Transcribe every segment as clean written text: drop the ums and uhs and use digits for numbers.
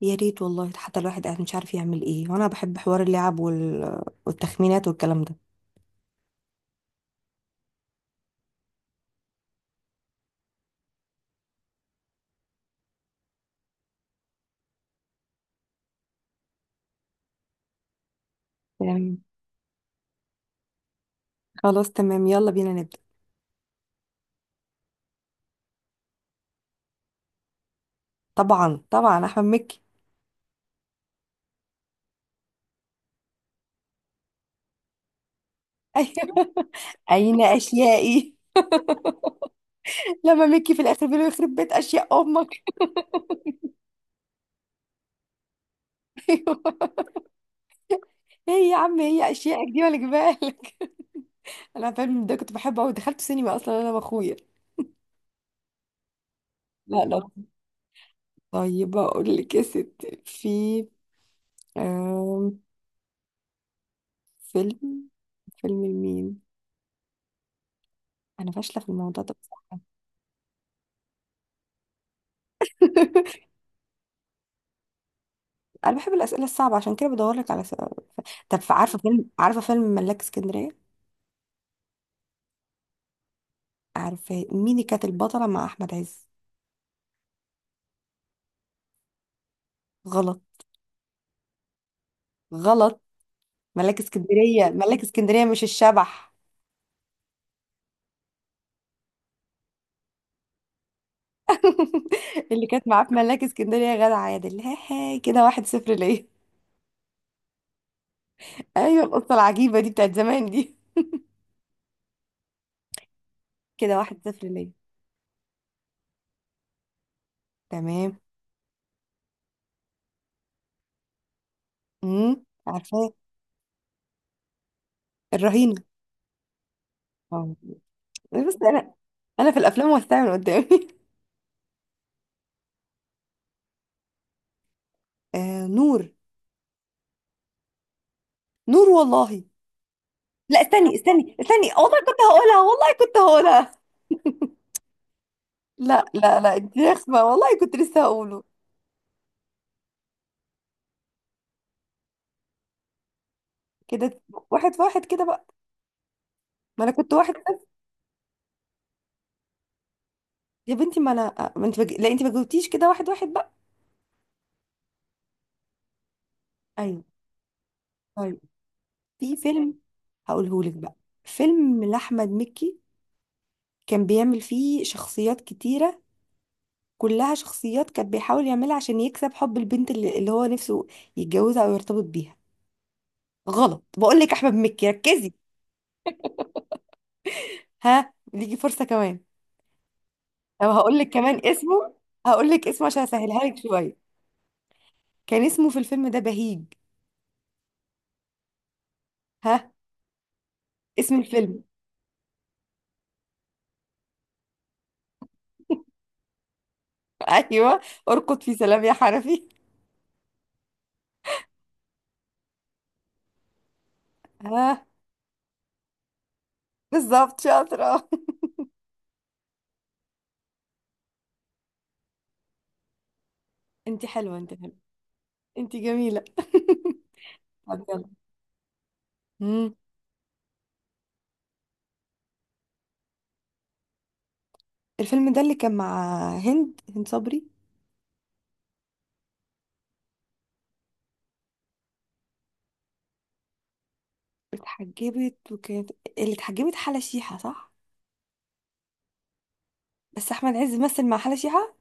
يا ريت والله، حتى الواحد قاعد مش عارف يعمل ايه. وانا بحب حوار اللعب والتخمينات والكلام ده. تمام. خلاص تمام، يلا بينا نبدأ. طبعا طبعا، احمد مكي. ايوه. اين اشيائي؟ لما مكي في الاخر بيقول له يخرب بيت اشياء امك. ايوه. ايه يا عم، هي اشيائك دي ولا جبالك؟ انا فيلم ده كنت بحبه قوي، دخلت سينما اصلا انا واخويا. لا لا. طيب اقول لك يا ستي، في آم، فيلم فيلم لمين؟ انا فاشله في الموضوع ده. انا بحب الاسئله الصعبه، عشان كده بدور لك على سؤال. طب عارفه فيلم ملاك اسكندريه؟ عارفه مين اللي كانت البطله مع احمد عز؟ غلط. غلط. ملاك اسكندريه مش الشبح. اللي كانت معاه في ملاك اسكندريه غادة عادل، هاي هاي كده واحد صفر ليا. ايوه، القصه العجيبه دي بتاعت زمان دي. كده واحد صفر ليا. تمام. امم، عارفاه. الرهينه. اه، بس انا في الافلام والساعه من قدامي. آه نور. نور والله. لا، استني استني استني، والله كنت هقولها، والله كنت هقولها. لا لا لا، دي رخمة، والله كنت لسه هقوله. كده واحد في واحد كده بقى. ما انا كنت واحد بس. يا بنتي، ما انا ما انت بج... لا، انت ما جاوبتيش، كده واحد واحد بقى. ايوه. طيب، في فيلم هقوله لك بقى، فيلم لاحمد مكي، كان بيعمل فيه شخصيات كتيرة، كلها شخصيات كان بيحاول يعملها عشان يكسب حب البنت اللي هو نفسه يتجوزها او يرتبط بيها. غلط، بقول لك احمد مكي، ركزي. ها، ليكي فرصة كمان. طب هقول لك كمان اسمه، هقول لك اسمه عشان اسهلها لك شويه. كان اسمه في الفيلم ده بهيج. ها. اسم الفيلم. ايوه. ارقد في سلام يا حنفي. ها. بالظبط، شاطره. انت حلوه، انت حلوه. انت جميله. طب يلا. مم. الفيلم ده اللي كان مع هند صبري. اتحجبت وكانت، اللي اتحجبت حلا شيحه، صح؟ بس احمد عز مثل مع حلا شيحه.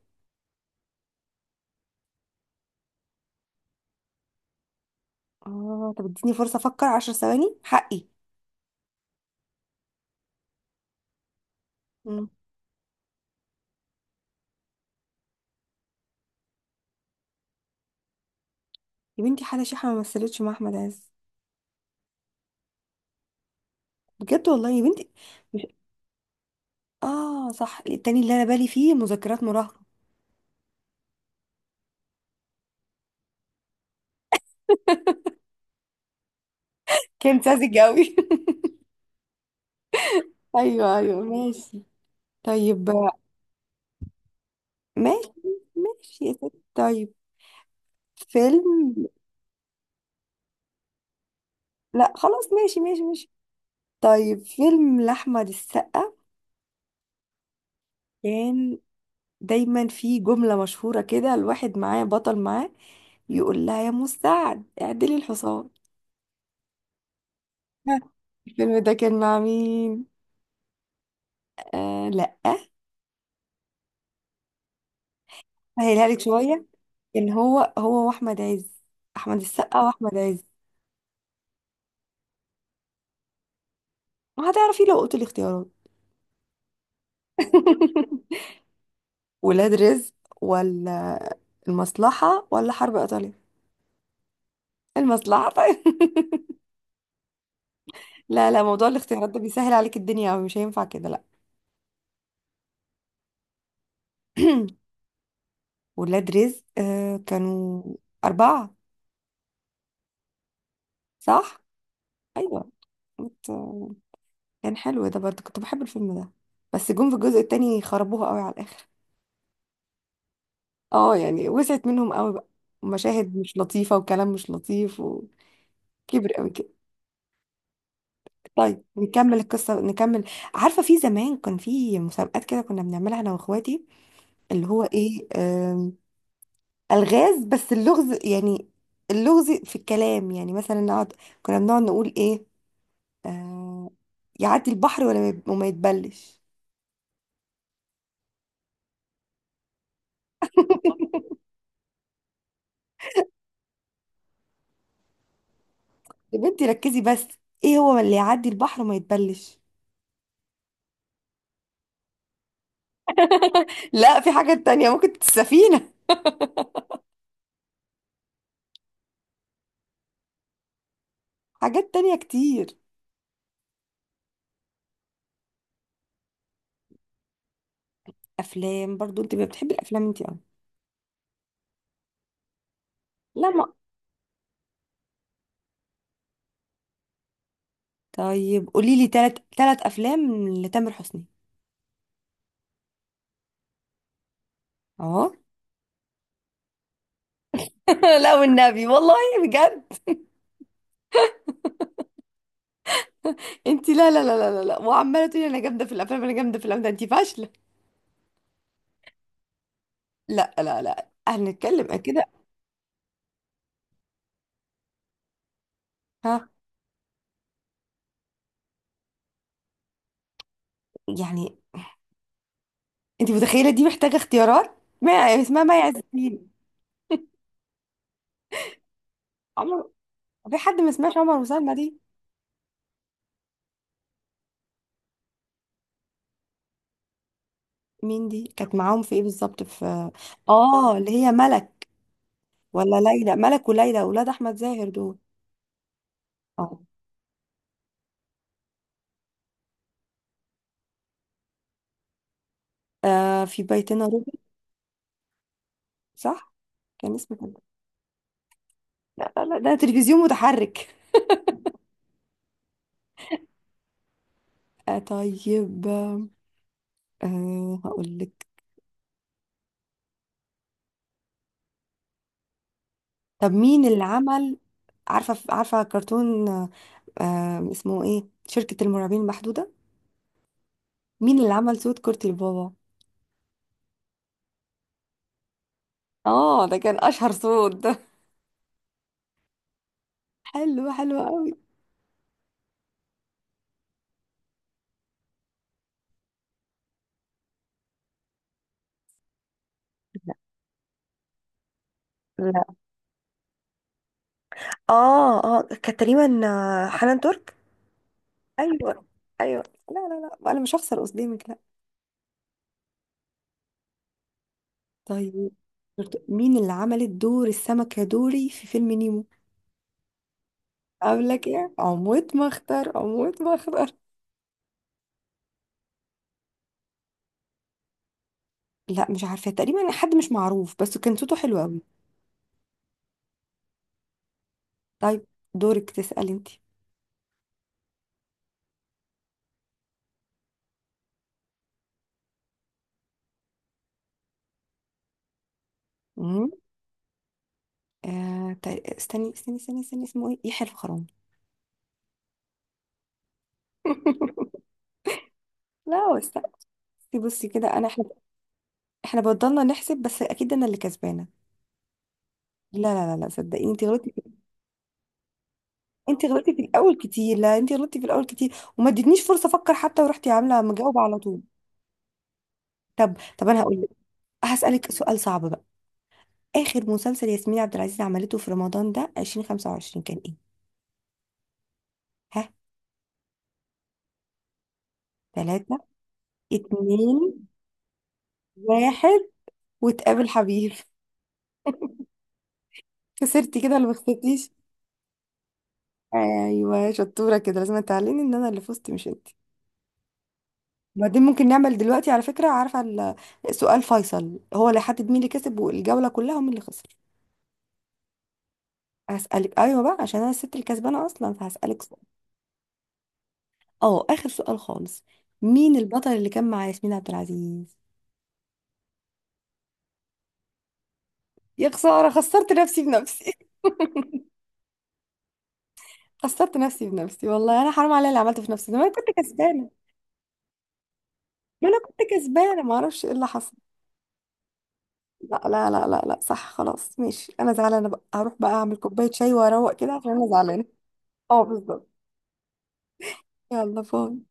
اه، طب اديني فرصه افكر 10 ثواني حقي. مم. يا بنتي، حلا شيحه ما مثلتش مع احمد عز. بجد والله يا بنتي. مش... اه صح، التاني اللي انا بالي فيه مذكرات مراهقة. كان ساذج قوي. ايوه ايوه، ماشي. طيب. ماشي ماشي يا ستي، طيب. فيلم. لا خلاص، ماشي ماشي ماشي. طيب، فيلم لأحمد السقا، كان دايما في جملة مشهورة كده، الواحد معاه بطل معاه يقول لها يا مساعد اعدلي الحصان. ها، الفيلم ده كان مع مين؟ آه لا. هسهلها لك شويه. ان هو، هو واحمد عز، احمد السقا واحمد عز. ما هتعرفي لو قلت الاختيارات. ولاد رزق ولا المصلحه ولا حرب ايطاليا؟ المصلحه. طيب. لا لا، موضوع الاختيارات ده بيسهل عليك الدنيا أوي، مش هينفع كده، لا. ولاد رزق، آه، كانوا أربعة. صح؟ أيوة. كنت-، كان حلو ده برضه، كنت بحب الفيلم ده. بس جم في الجزء التاني خربوها قوي على الآخر. اه يعني، وسعت منهم قوي بقى، مشاهد مش لطيفة وكلام مش لطيف وكبر قوي كده. طيب نكمل القصة نكمل. عارفة، في زمان كان في مسابقات كده كنا بنعملها أنا وإخواتي، اللي هو إيه، ألغاز. بس اللغز يعني، اللغز في الكلام يعني، مثلا نقعد، كنا بنقعد نقول إيه، آه، يعدي البحر ولا ما يب- وما يتبلش. يا بنتي ركزي بس، إيه هو اللي يعدي البحر وما يتبلش؟ لا، في حاجات تانية، ممكن السفينة، حاجات تانية كتير. افلام برضو انت بتحبي الافلام انت، اه. لا ما. طيب قولي لي ثلاث افلام لتامر حسني. اه. لا والنبي والله، بجد انت. لا لا لا لا لا لا. وعماله تقولي انا جامده في الافلام، انا جامده في الافلام، ده انت فاشله. لا لا لا، هنتكلم عن كده. ها. يعني انت متخيله دي محتاجه اختيارات؟ ما يعني اسمها، ما عز الدين. عمر. في حد ما سمعش عمر وسلمى دي؟ مين دي كانت معاهم في ايه بالظبط، في، اه، اللي هي ملك ولا ليلى. ملك وليلى اولاد احمد زاهر دول. اه. آه، في بيتنا روبي. صح، كان اسمه كده. لا لا لا، ده تلفزيون متحرك. آه طيب، آه، هقول لك. طب مين اللي عمل. عارفه، عارفه كرتون، آه، اسمه ايه، شركة المرعبين المحدودة. مين اللي عمل صوت كورتي البابا؟ اه، ده كان اشهر صوت ده. حلو، حلو قوي. لا اه اه، كانت تقريبا حنان ترك. ايوه. ايوه. لا لا لا، انا مش هخسر قصدي. طيب. مين اللي عملت دور السمكة دوري في فيلم نيمو؟ قبلك ايه، عمود مختار، عمود مختار. لا مش عارفة، تقريبا حد مش معروف، بس كان صوته حلو قوي. طيب، دورك تسألي انت. امم. آه طيب، استني استني استني استني، اسمه ايه، يحيى الفخراني. لا هو استني، بصي كده انا، احنا بضلنا نحسب، بس اكيد انا اللي كسبانة. لا لا لا لا، صدقيني انت غلطتي في... انت غلطتي في الاول كتير، لا انت غلطتي في الاول كتير وما ادتنيش فرصة افكر حتى، ورحتي عاملة مجاوبة على طول. طب انا هقول لك، هسألك سؤال صعب بقى. اخر مسلسل ياسمين عبد العزيز عملته في رمضان ده 2025 كان ايه؟ ها. ثلاثة، اتنين، واحد، وتقابل حبيب. خسرتي كده ولا ما خسرتيش؟ ايوه، شطورة كده. لازم تعلمي ان انا اللي فزت مش انت. وبعدين ممكن نعمل دلوقتي على فكرة، عارفة سؤال فيصل هو اللي حدد مين اللي كسب والجولة كلها ومين اللي خسر. هسألك، ايوه بقى، عشان انا الست الكسبانة اصلا، فهسألك سؤال. اه، اخر سؤال خالص. مين البطل اللي كان مع ياسمين عبد العزيز؟ يا خسارة، خسرت نفسي بنفسي. خسرت نفسي بنفسي، والله انا حرام عليا اللي عملته في نفسي ده، ما انا كنت كسبانة. ما انا كنت كسبانة، ما اعرفش ايه اللي حصل. لا لا لا لا لا، صح، خلاص ماشي، انا زعلانة بقى، هروح بقى اعمل كوباية شاي واروق كده عشان انا زعلانة. اه بالظبط. يلا باي.